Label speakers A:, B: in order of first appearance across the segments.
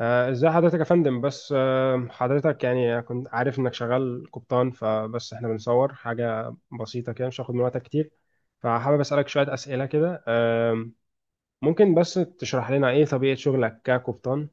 A: ازاي حضرتك يا فندم؟ بس حضرتك يعني كنت عارف انك شغال قبطان، فبس احنا بنصور حاجة بسيطة كده، مش هاخد من وقتك كتير. فحابب اسألك شوية اسئلة كده. ممكن بس تشرح لنا ايه طبيعة شغلك كقبطان؟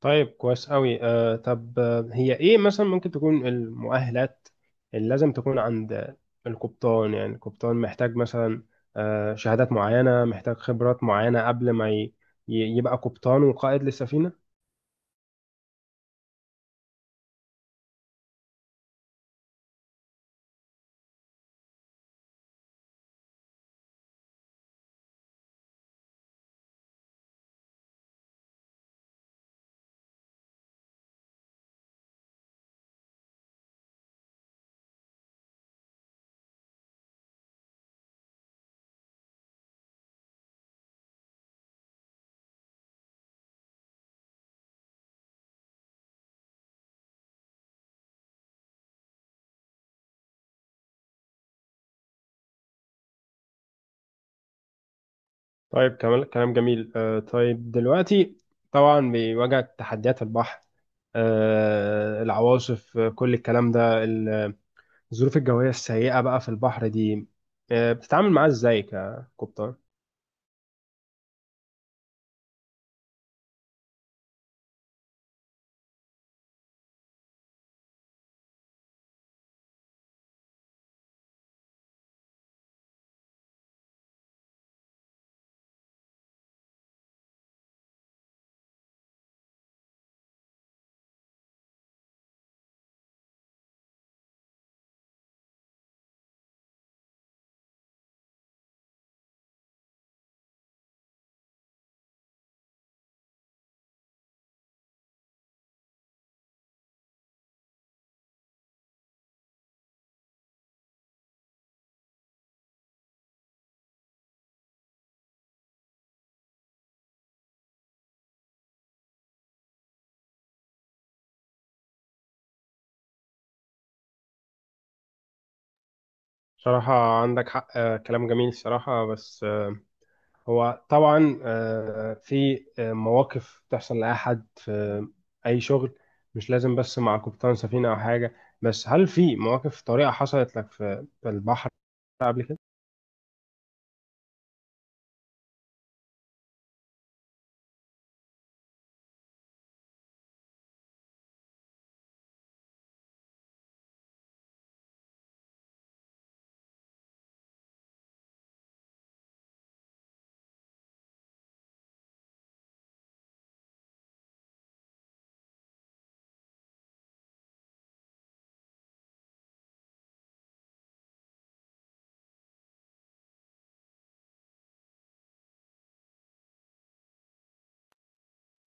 A: طيب، كويس قوي. آه، طب آه، هي ايه مثلا ممكن تكون المؤهلات اللي لازم تكون عند القبطان؟ يعني القبطان محتاج مثلا شهادات معينة، محتاج خبرات معينة قبل ما يبقى قبطان وقائد للسفينة؟ طيب، كلام جميل. طيب دلوقتي طبعا بيواجهك تحديات البحر، العواصف، كل الكلام ده، الظروف الجوية السيئة بقى في البحر دي، بتتعامل معاها ازاي ككوبتر؟ صراحة عندك حق. كلام جميل الصراحة. بس هو طبعا في مواقف بتحصل لأي حد في أي شغل، مش لازم بس مع قبطان سفينة أو حاجة. بس هل في مواقف طريقة حصلت لك في البحر قبل كده؟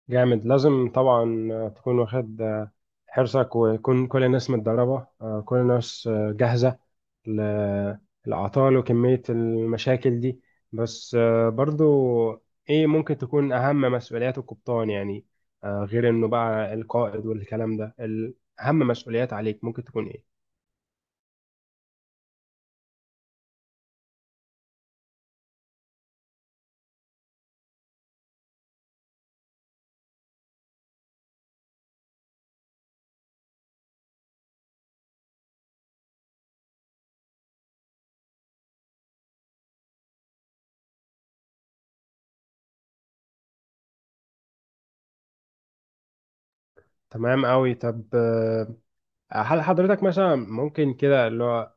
A: جامد. لازم طبعا تكون واخد حرصك، ويكون كل الناس متدربة، كل الناس جاهزة للأعطال وكمية المشاكل دي. بس برضو إيه ممكن تكون أهم مسؤوليات القبطان؟ يعني غير إنه بقى القائد والكلام ده، أهم مسؤوليات عليك ممكن تكون إيه؟ تمام أوي. طب آه، هل حضرتك مثلا ممكن كده اللي هو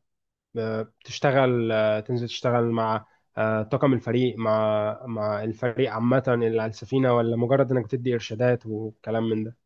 A: تشتغل، تنزل تشتغل مع طاقم الفريق، مع الفريق عامة اللي على السفينة، ولا مجرد إنك بتدي إرشادات وكلام من ده؟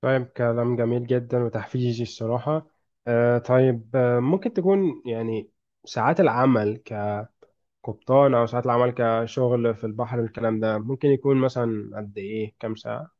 A: طيب، كلام جميل جدا وتحفيزي الصراحة. طيب ممكن تكون يعني ساعات العمل كقبطان أو ساعات العمل كشغل في البحر، الكلام ده ممكن يكون مثلا قد إيه، كام ساعة؟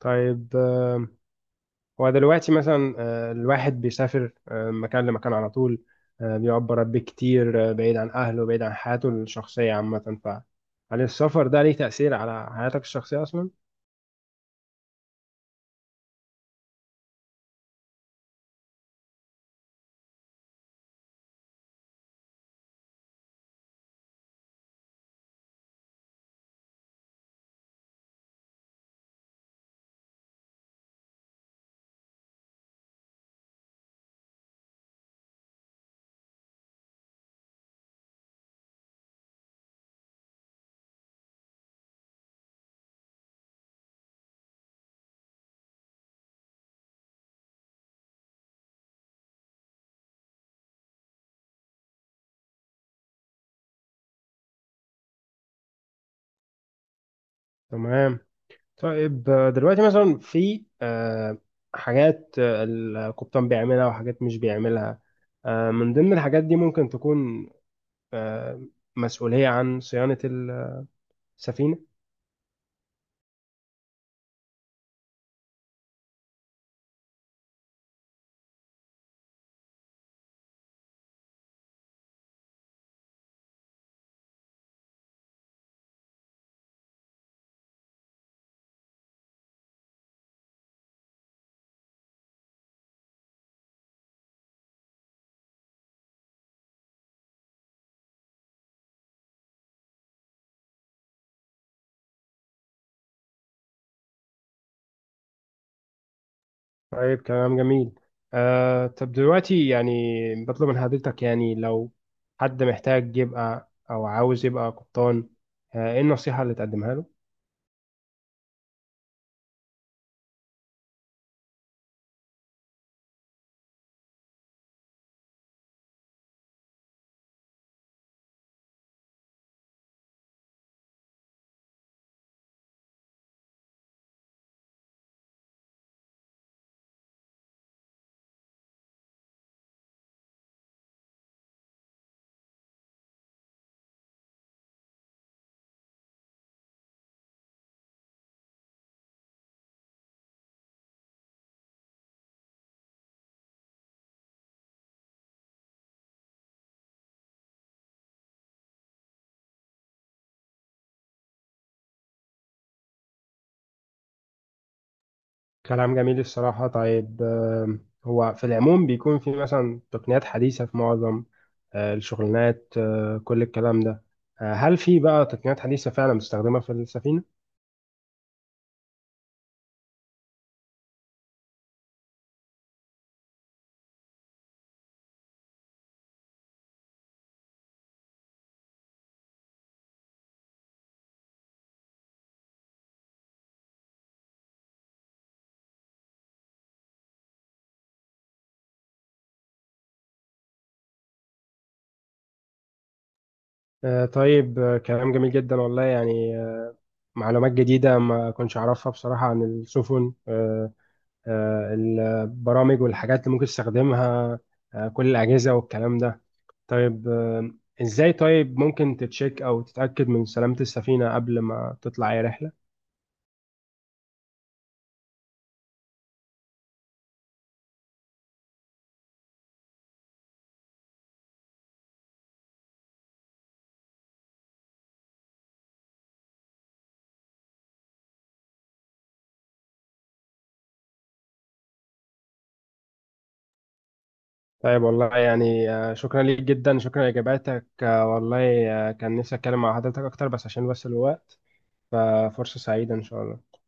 A: طيب هو دلوقتي مثلا الواحد بيسافر من مكان لمكان على طول، بيقعد برا كتير، بعيد عن أهله، بعيد عن حياته الشخصية عامة، فهل السفر ده ليه تأثير على حياتك الشخصية أصلا؟ تمام. طيب دلوقتي مثلا في حاجات القبطان بيعملها وحاجات مش بيعملها. من ضمن الحاجات دي ممكن تكون آه، مسؤولية عن صيانة السفينة؟ طيب، كلام جميل. آه، طب دلوقتي يعني بطلب من حضرتك، يعني لو حد محتاج يبقى أو عاوز يبقى قبطان، آه، إيه النصيحة اللي تقدمها له؟ كلام جميل الصراحة. طيب آه، هو في العموم بيكون في مثلا تقنيات حديثة في معظم آه، الشغلانات آه، كل الكلام ده. آه، هل في بقى تقنيات حديثة فعلا مستخدمة في السفينة؟ آه، طيب آه، كلام جميل جدا والله. يعني آه، معلومات جديدة ما كنتش أعرفها بصراحة عن السفن. آه، البرامج والحاجات اللي ممكن تستخدمها، كل الأجهزة والكلام ده، طيب إزاي طيب ممكن تتشيك أو تتأكد من سلامة السفينة قبل ما تطلع أي رحلة؟ طيب، والله يعني شكرا ليك جدا، شكرا لإجاباتك. والله كان نفسي أتكلم مع حضرتك أكتر، بس عشان بس الوقت، ففرصة سعيدة إن شاء الله.